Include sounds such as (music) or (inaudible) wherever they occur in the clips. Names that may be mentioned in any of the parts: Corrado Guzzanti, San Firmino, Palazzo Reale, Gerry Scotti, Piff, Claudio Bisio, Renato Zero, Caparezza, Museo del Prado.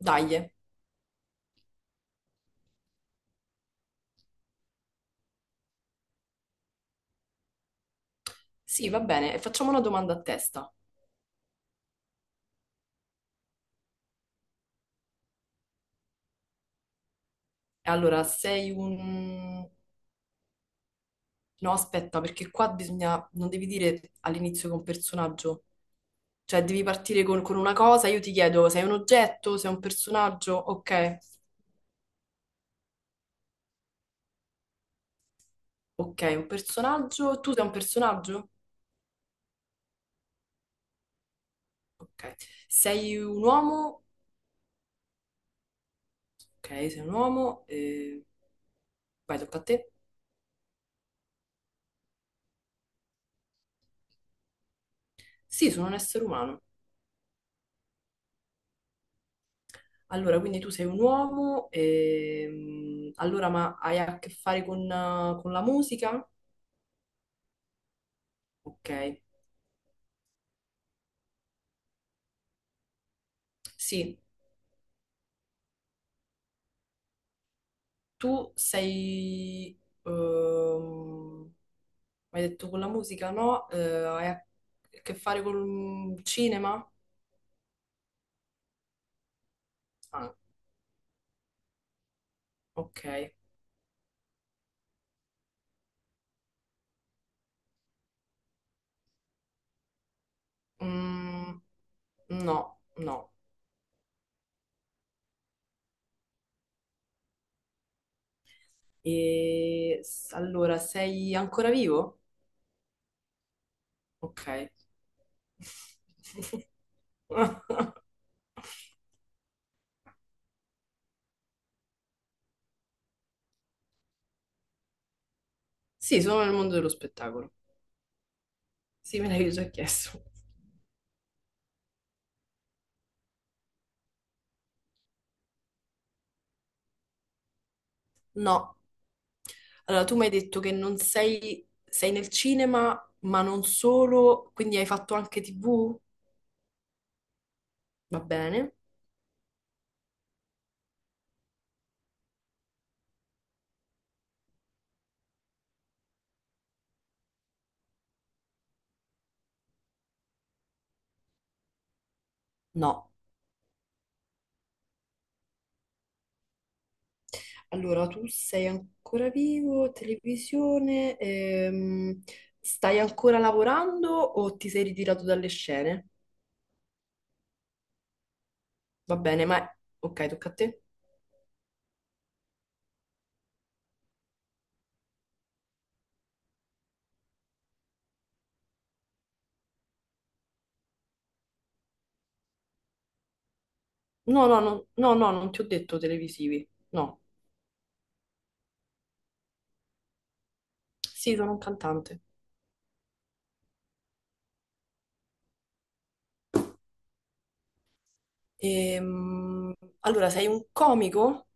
Dai, sì, va bene. E facciamo una domanda a testa. Allora, sei un... No, aspetta, perché qua bisogna... Non devi dire all'inizio che è un personaggio. Cioè, devi partire con una cosa, io ti chiedo, sei un oggetto, sei un personaggio? Ok, ok, un personaggio. Tu sei un personaggio? Ok. Sei un uomo? Ok, sei un uomo. Vai, tocca a te. Sì, sono un essere umano. Allora, quindi tu sei un uomo, allora ma hai a che fare con la musica? Ok, sì, tu sei... hai detto con la musica, no? Hai a che fare col cinema? Ah, ok. Mm, no, no. Allora, sei ancora vivo? Ok. (laughs) Sì, sono nel mondo dello spettacolo. Sì, me l'hai già chiesto. No. Allora, tu mi hai detto che non sei, sei nel cinema, ma non solo, quindi hai fatto anche TV? Va bene? No. Allora, tu sei ancora vivo, televisione, stai ancora lavorando o ti sei ritirato dalle scene? Va bene, ma... Ok, tocca a te. No, no, no, no, no, non ti ho detto televisivi. No. Sì, sono un cantante. Ehm, allora, sei un comico?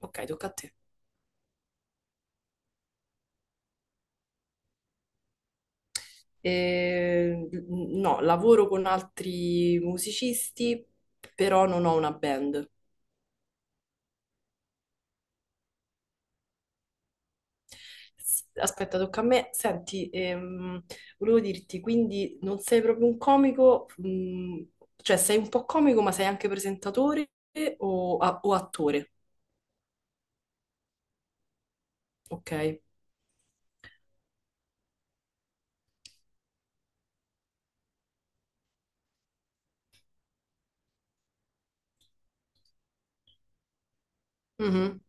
Ok, tocca a te. No, lavoro con altri musicisti, però non ho una band. Aspetta, tocca a me. Senti, volevo dirti, quindi non sei proprio un comico, mm, cioè sei un po' comico, ma sei anche presentatore o attore, ok? Mhm.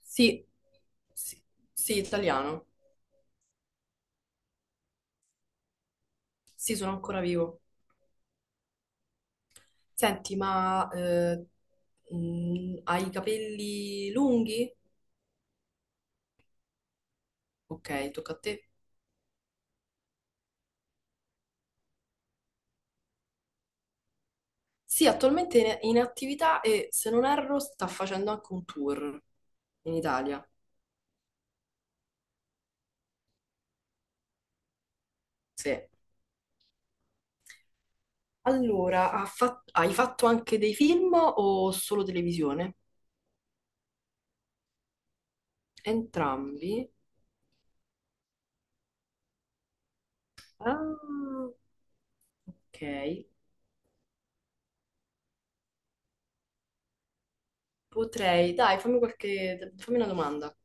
Sì, sì, sì, italiano. Sì, sono ancora vivo. Senti, ma hai i capelli lunghi? Ok, tocca a te. Sì, attualmente è in attività e se non erro sta facendo anche un tour in Italia. Sì. Allora, hai fatto anche dei film o solo televisione? Entrambi? Ah, ok. Potrei, dai, fammi una domanda.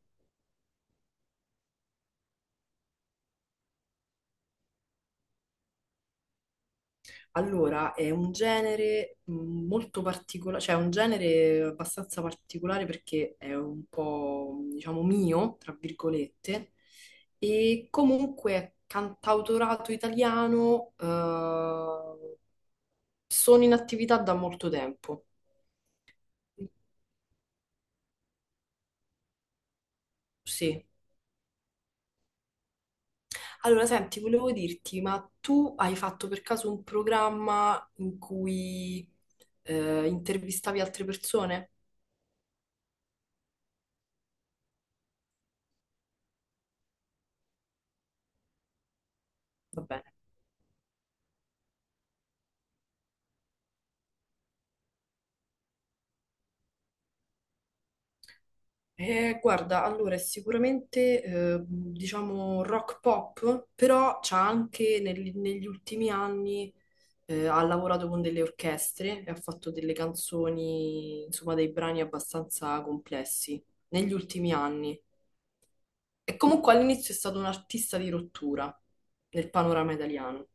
Allora, è un genere molto particolare, cioè è un genere abbastanza particolare perché è un po', diciamo, mio, tra virgolette, e comunque è cantautorato italiano, sono in attività da molto tempo. Sì. Allora, senti, volevo dirti, ma tu hai fatto per caso un programma in cui intervistavi altre persone? Vabbè. Guarda, allora è sicuramente diciamo rock pop, però c'ha anche negli ultimi anni ha lavorato con delle orchestre e ha fatto delle canzoni, insomma, dei brani abbastanza complessi negli ultimi anni. E comunque all'inizio è stato un artista di rottura nel panorama italiano.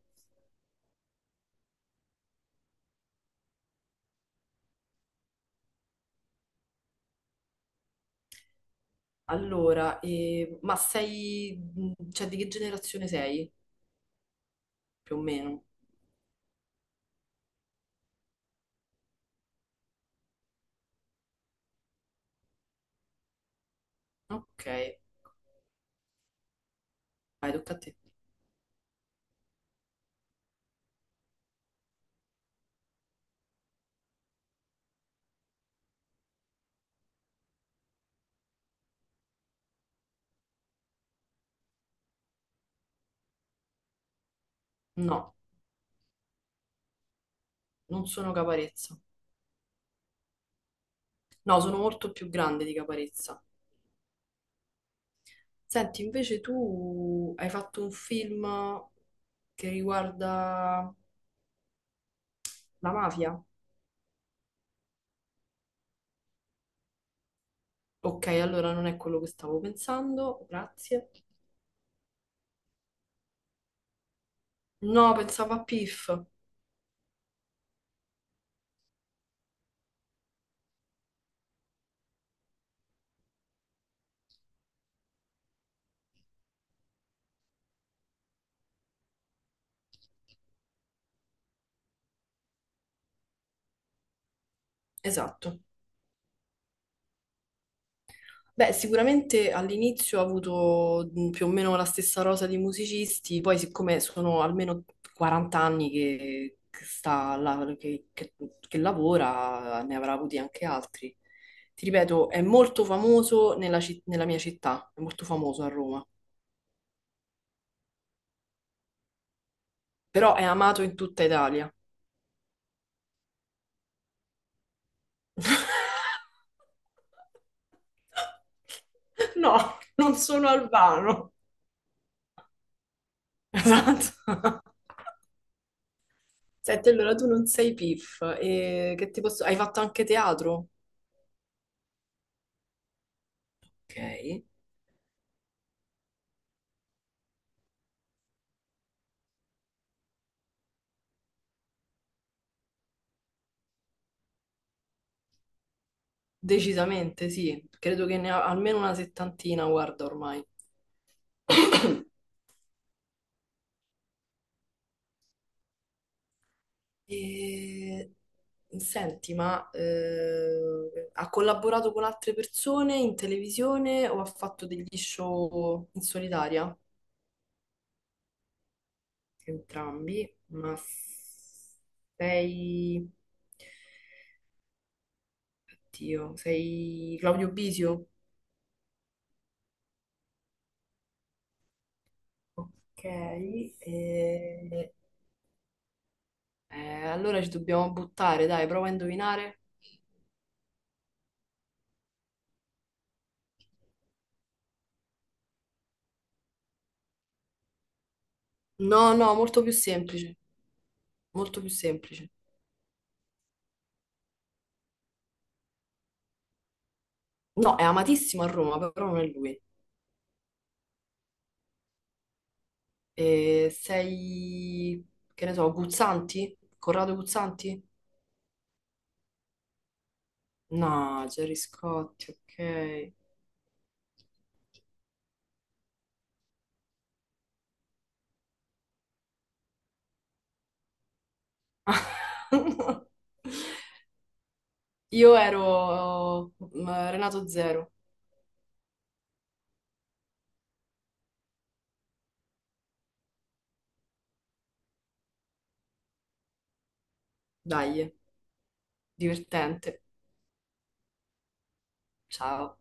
Allora, ma sei, mm, cioè di che generazione sei, più o meno? Ok, vai, tocca a te. No, non sono Caparezza. No, sono molto più grande di Caparezza. Senti, invece tu hai fatto un film che riguarda la mafia? Ok, allora non è quello che stavo pensando, grazie. No, pensavo a Piff. Esatto. Beh, sicuramente all'inizio ho avuto più o meno la stessa rosa di musicisti, poi siccome sono almeno 40 anni che sta là- che lavora, ne avrà avuti anche altri. Ti ripeto, è molto famoso nella mia città, è molto famoso a Roma, però è amato in tutta Italia. (laughs) No, non sono albano. Esatto. Senti, allora tu non sei PIF, e che ti posso... hai fatto anche teatro? Ok. Decisamente sì, credo che ne ho almeno una settantina, guarda ormai. E... Senti, ma ha collaborato con altre persone in televisione o ha fatto degli show in solitaria? Entrambi, ma sei... Dio, sei Claudio Bisio? Ok, e- allora ci dobbiamo buttare, dai, prova a indovinare. No, no, molto più semplice, molto più semplice. No, è amatissimo a Roma, però non è lui. Sei, che ne so, Guzzanti? Corrado Guzzanti? No, Gerry Scotti, ok. (laughs) Io ero mm, Renato Zero. Dai, divertente. Ciao.